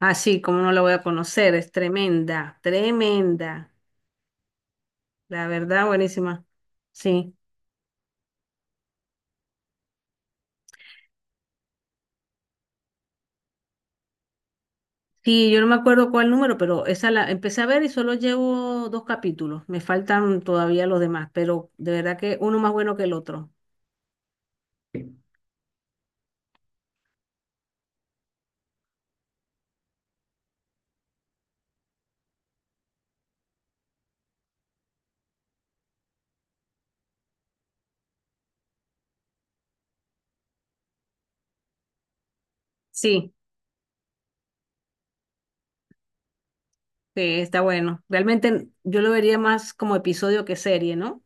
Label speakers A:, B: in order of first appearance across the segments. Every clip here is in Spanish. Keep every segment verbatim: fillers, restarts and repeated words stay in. A: Ah, sí, cómo no la voy a conocer, es tremenda, tremenda, la verdad, buenísima. Sí, sí, yo no me acuerdo cuál número, pero esa la empecé a ver y solo llevo dos capítulos, me faltan todavía los demás, pero de verdad que uno más bueno que el otro. Sí, sí, está bueno. Realmente yo lo vería más como episodio que serie, ¿no?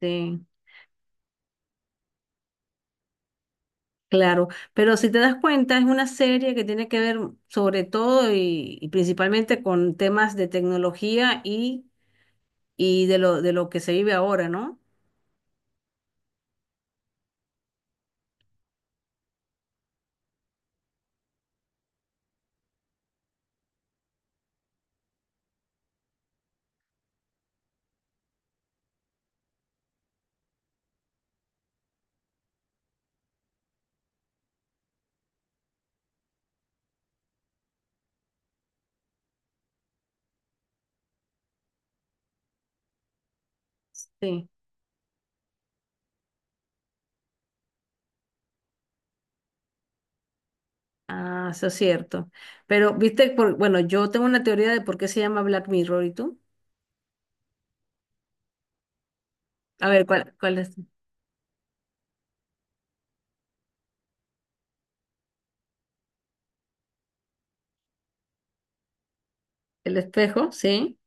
A: Sí, claro, pero si te das cuenta, es una serie que tiene que ver sobre todo y, y principalmente con temas de tecnología y y de lo, de lo que se vive ahora, ¿no? Sí, ah, eso es cierto. Pero, viste, por, bueno, yo tengo una teoría de por qué se llama Black Mirror, ¿y tú? A ver, ¿cuál, cuál es? El espejo, sí.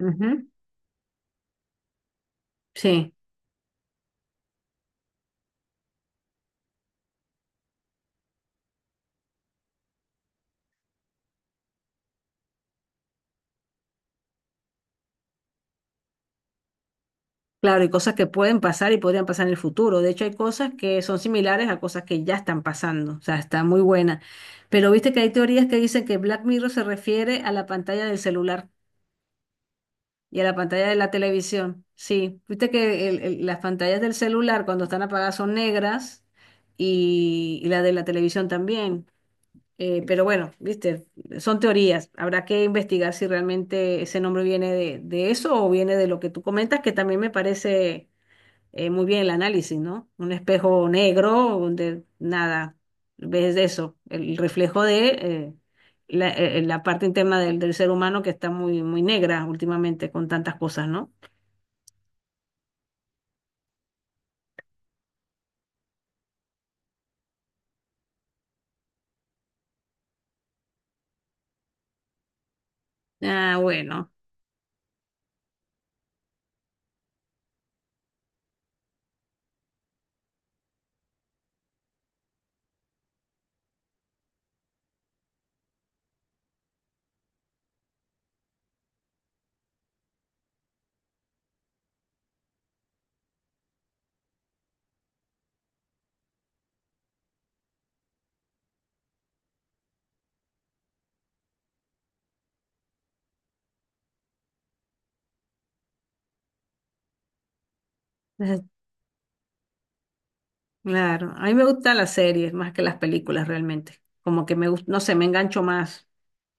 A: Ujú. Sí, claro, y cosas que pueden pasar y podrían pasar en el futuro. De hecho, hay cosas que son similares a cosas que ya están pasando, o sea, está muy buena. Pero viste que hay teorías que dicen que Black Mirror se refiere a la pantalla del celular. Y a la pantalla de la televisión, sí. Viste que el- el- las pantallas del celular cuando están apagadas son negras y, y la de la televisión también. Eh, pero bueno, viste, son teorías. Habrá que investigar si realmente ese nombre viene de, de eso o viene de lo que tú comentas, que también me parece eh, muy bien el análisis, ¿no? Un espejo negro donde nada, ves eso, el reflejo de eh, la, eh, la parte interna del, del ser humano que está muy, muy negra últimamente con tantas cosas, ¿no? Ah, bueno, eh, claro. A mí me gustan las series más que las películas realmente. Como que me gusta, no sé, me engancho más.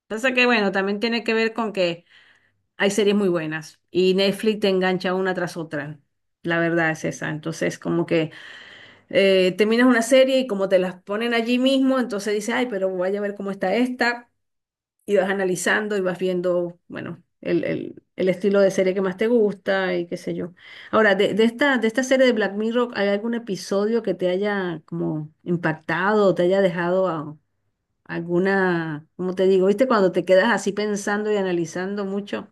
A: Pasa que, bueno, también tiene que ver con que hay series muy buenas y Netflix te engancha una tras otra. La verdad es esa. Entonces, como que eh, terminas una serie y como te las ponen allí mismo, entonces dices, ay, pero voy a ver cómo está esta, y vas analizando y vas viendo, bueno, el, el- el estilo de serie que más te gusta y qué sé yo. Ahora, de, de esta, de esta serie de Black Mirror, ¿hay algún episodio que te haya como impactado o te haya dejado a- alguna, ¿cómo te digo? ¿Viste cuando te quedas así pensando y analizando mucho?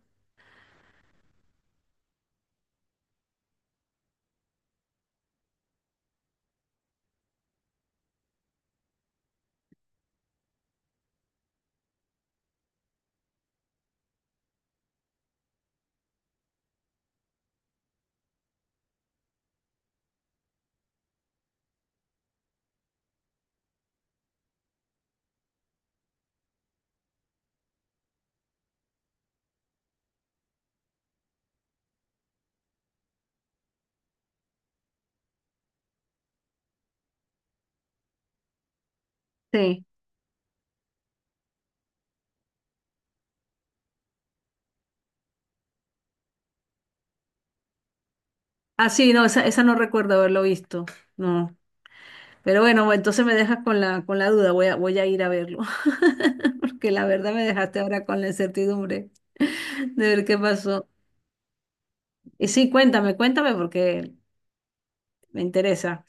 A: Sí. Ah, sí, no, esa, esa no recuerdo haberlo visto. No. Pero bueno, entonces me dejas con la, con la duda, voy a, voy a ir a verlo, porque la verdad me dejaste ahora con la incertidumbre de ver qué pasó. Y sí, cuéntame, cuéntame porque me interesa.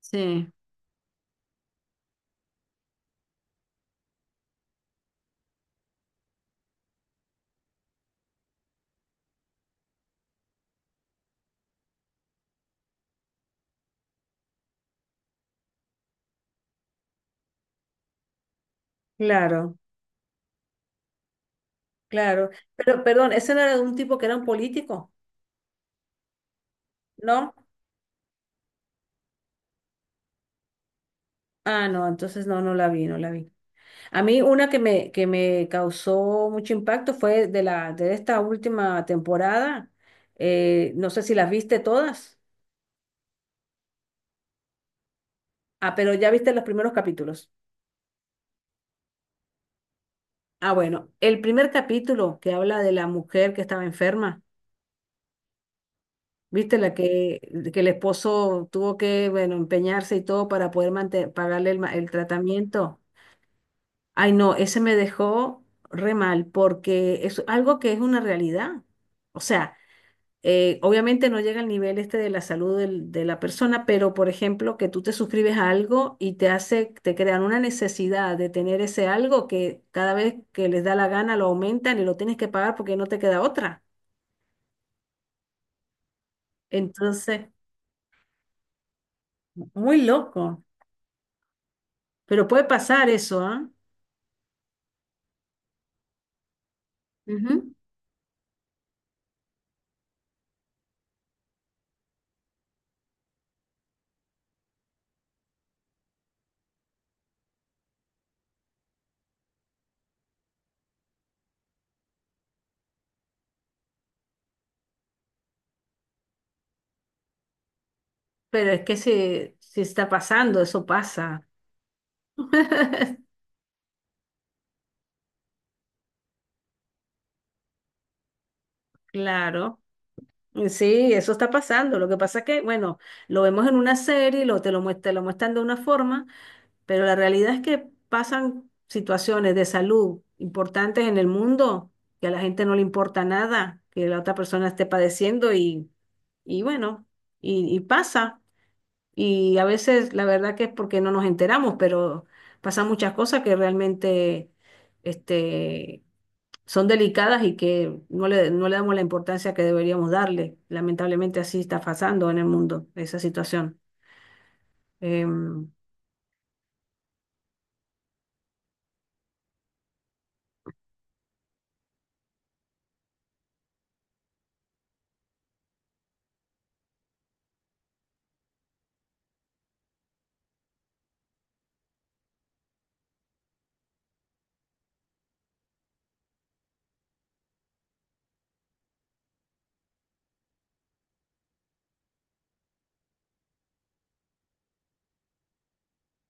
A: Sí. Claro, claro. Pero, perdón, ese no era de un tipo que era un político, ¿no? Ah, no, entonces no, no la vi, no la vi. A mí una que me, que me causó mucho impacto fue de la, de esta última temporada. Eh, no sé si las viste todas. Ah, pero ya viste los primeros capítulos. Ah, bueno, el primer capítulo que habla de la mujer que estaba enferma, ¿viste? La que, que el esposo tuvo que, bueno, empeñarse y todo para poder mante- pagarle el, ma- el tratamiento. Ay, no, ese me dejó re mal porque es algo que es una realidad. O sea, eh, obviamente no llega al nivel este de la salud del- de la persona, pero por ejemplo, que tú te suscribes a algo y te hace, te crean una necesidad de tener ese algo que cada vez que les da la gana lo aumentan y lo tienes que pagar porque no te queda otra. Entonces, muy loco, pero puede pasar eso, ¿ah? Ujú. Pero es que si, si está pasando, eso pasa. Claro, sí, eso está pasando. Lo que pasa es que, bueno, lo vemos en una serie, lo, te lo, muest- te lo muestran de una forma. Pero la realidad es que pasan situaciones de salud importantes en el mundo, que a la gente no le importa nada, que la otra persona esté padeciendo y, y bueno, y, y pasa. Y a veces la verdad que es porque no nos enteramos, pero pasan muchas cosas que realmente este, son delicadas y que no le, no le damos la importancia que deberíamos darle. Lamentablemente así está pasando en el mundo esa situación. Em,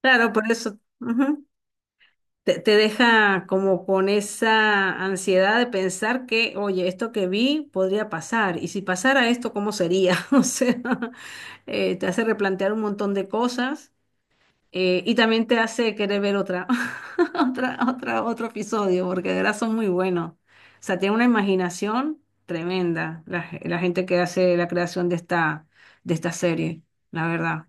A: claro, por eso. Ujú. te, te deja como con esa ansiedad de pensar que, oye, esto que vi podría pasar, y si pasara esto, ¿cómo sería? O sea, eh, te hace replantear un montón de cosas eh, y también te hace querer ver otra, otra, otra, otro episodio, porque de verdad son muy buenos. O sea, tiene una imaginación tremenda la, la gente que hace la creación de esta, de esta serie, la verdad.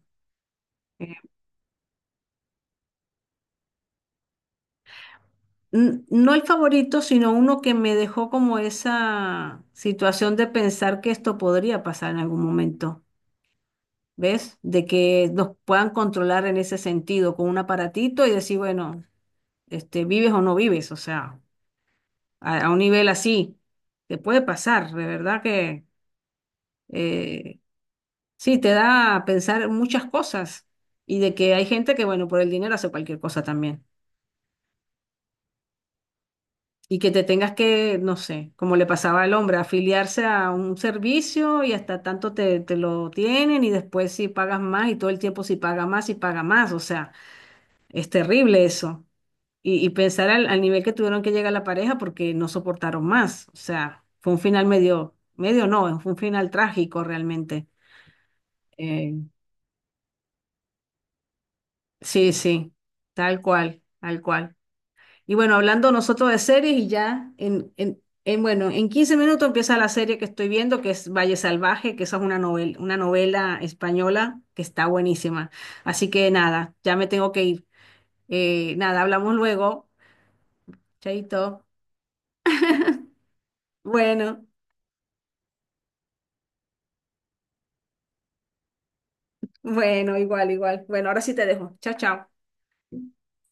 A: n- No el favorito, sino uno que me dejó como esa situación de pensar que esto podría pasar en algún momento, ¿ves? De que nos puedan controlar en ese sentido con un aparatito y decir, bueno, este, vives o no vives, o sea, a, a un nivel así, te puede pasar, de verdad que eh, sí, te da a pensar muchas cosas y de que hay gente que, bueno, por el dinero hace cualquier cosa también. Y que te tengas que, no sé, como le pasaba al hombre, afiliarse a un servicio y hasta tanto te, te lo tienen y después si pagas más y todo el tiempo si paga más y paga más. O sea, es terrible eso. Y, y pensar al, al nivel que tuvieron que llegar la pareja porque no soportaron más. O sea, fue un final medio, medio no, fue un final trágico realmente. Eh, sí, sí, tal cual, tal cual. Y bueno, hablando nosotros de series y ya en, en, en, bueno, en quince minutos empieza la serie que estoy viendo, que es Valle Salvaje, que esa es una novela, una novela española que está buenísima. Así que nada, ya me tengo que ir. Eh, nada, hablamos luego. Chaito. Bueno, bueno, igual, igual. Bueno, ahora sí te dejo. Chao, chao.